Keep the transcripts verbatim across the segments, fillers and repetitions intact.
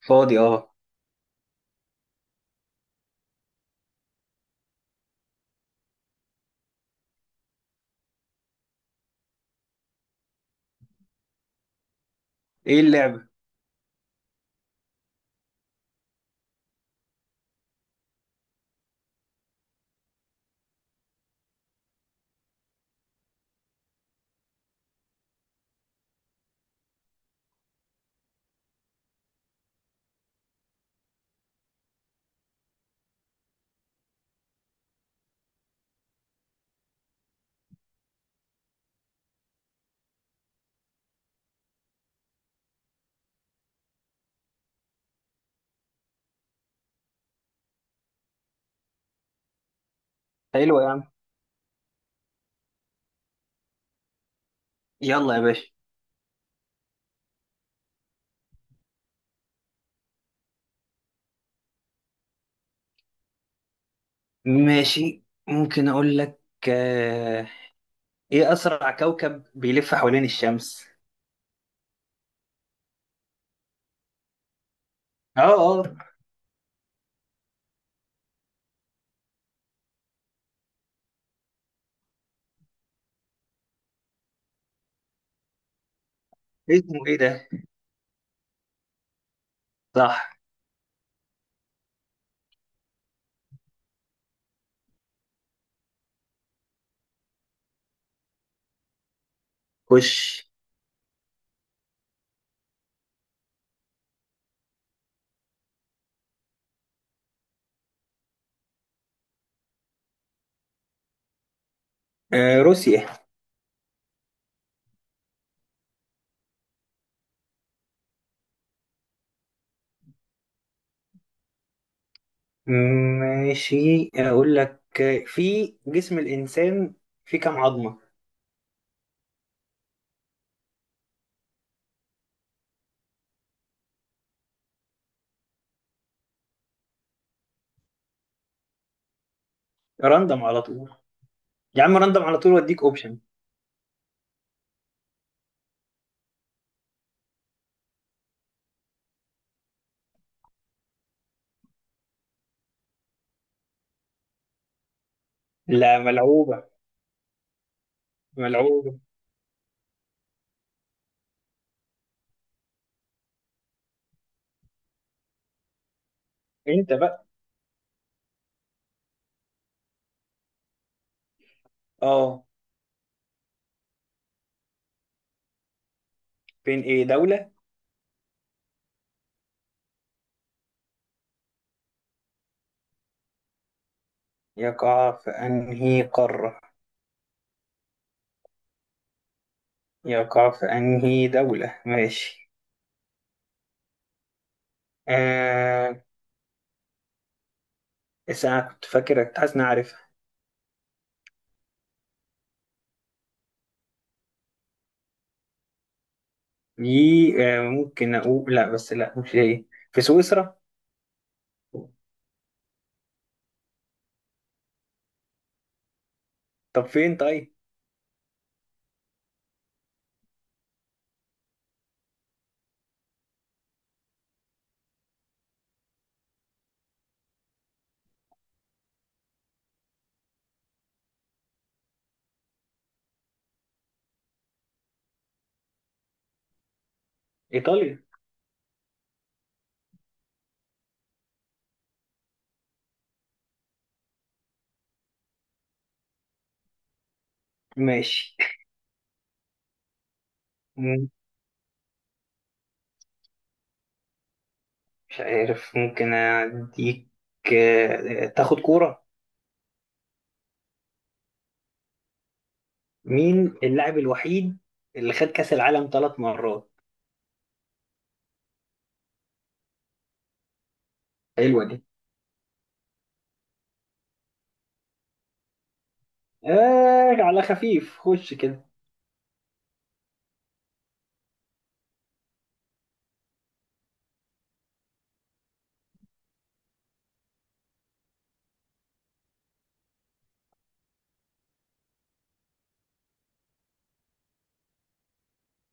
فاضي، اه. ايه اللعبة؟ حلو يا عم. يلا يا باشا. ماشي، ممكن اقول لك. آه، ايه اسرع كوكب بيلف حوالين الشمس؟ اه، اه. اسمه ايه ده؟ صح. خش. آه روسيا. ماشي، اقول لك. آه، في جسم الانسان في كام عظمة؟ راندم على طول. يا عم راندم على طول واديك اوبشن. لا، ملعوبة. ملعوبة. انت بقى. اه. بين ايه دولة؟ يقع في انهي قارة، يقع في أنهي دولة. ماشي. آه بس أنا كنت فاكر كنت حاسس إن أنا عارفها دي. آه ممكن أقول لا، بس لا، مش هي. في سويسرا. طب فين طيب؟ إيطاليا. ماشي. مم، مش عارف، ممكن أديك. آه تاخد كورة. مين اللاعب الوحيد اللي خد كأس العالم ثلاث مرات؟ حلوة دي. آه على خفيف، خش كده.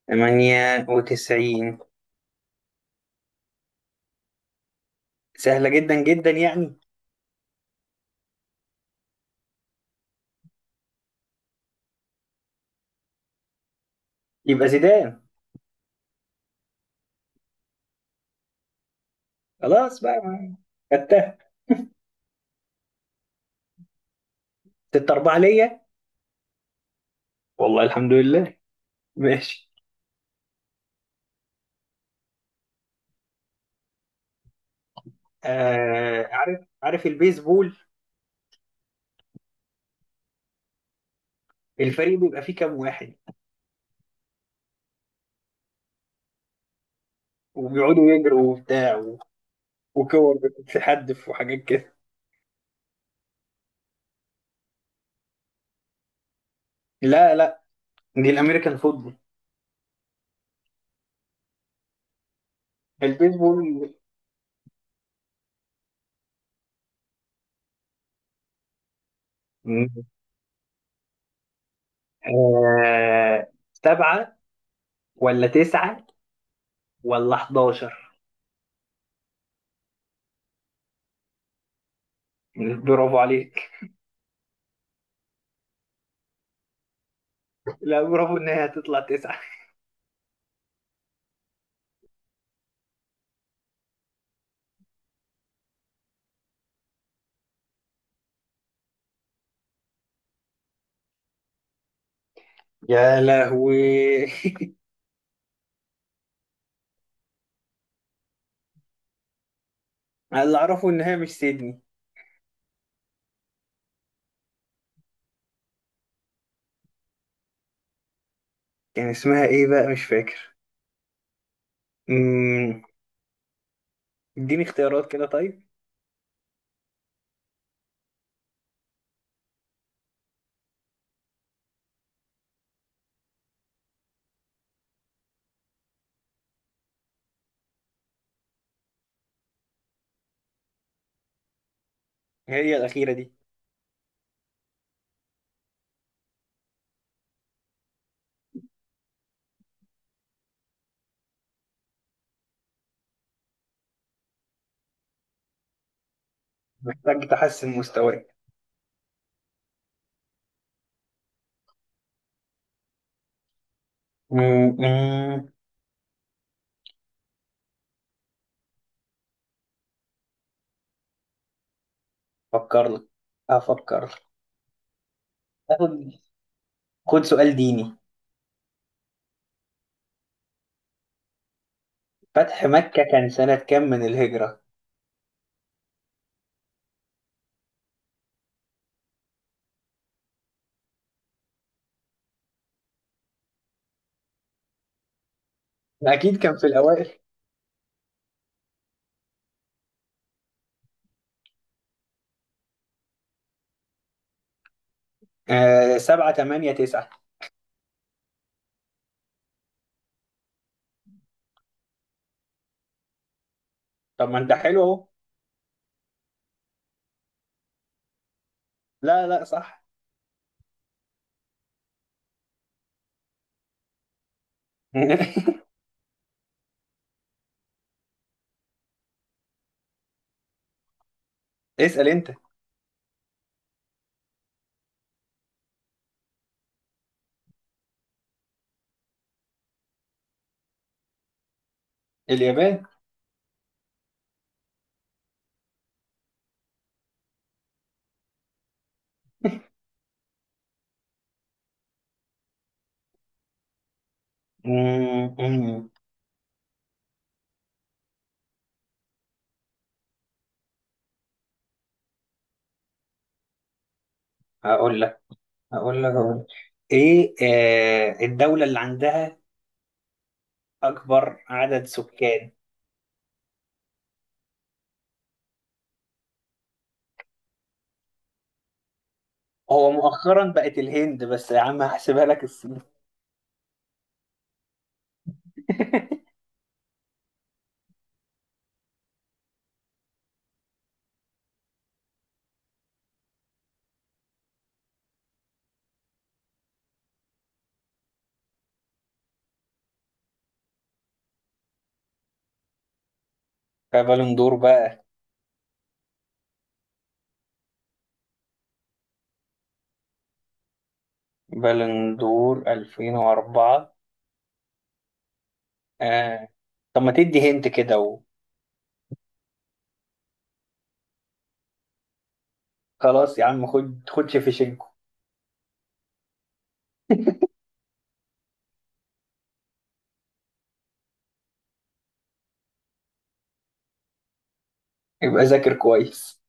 تمانية وتسعين سهلة جدا جدا يعني. يبقى زيدان. خلاص بقى ما- خدتها. ست أربعة ليا. والله الحمد لله. ماشي. آه عارف عارف البيسبول. الفريق بيبقى فيه كام واحد؟ وبيقعدوا يجروا وبتاع و- وكور بتتحدف وحاجات كده. لا، لا، دي الأمريكان فوتبول. البيسبول. آه سبعة ولا تسعة ولا حداشر؟ برافو عليك. لا، برافو ان هي هتطلع تسعة. يا لهوي. أنا اللي اعرفه ان هي مش سيدني. كان اسمها ايه بقى، مش فاكر. مم، اديني اختيارات كده طيب. هي الأخيرة دي. محتاج تحسن مستواك. مم، مم، أفكر لك أفكر لك. آخد- خد سؤال ديني. فتح مكة كان سنة كام من الهجرة؟ أكيد كان في الأوائل. آه سبعة تمانية تسعة. طب ما أنت حلو أهو. لا، لا، صح. اسأل أنت. اليابان. مم، مم، هقول لك هقول لك هقول لك إيه. آه الدولة اللي عندها أكبر عدد سكان. هو مؤخرا بقت الهند، بس يا عم هحسبها لك الصين. فبالون دور بقى. بالون دور ألفين وأربعة. آه. طب ما تدي هنت كده. وخلاص يا عم، خد خد شيفشنكو. يبقى ذاكر كويس.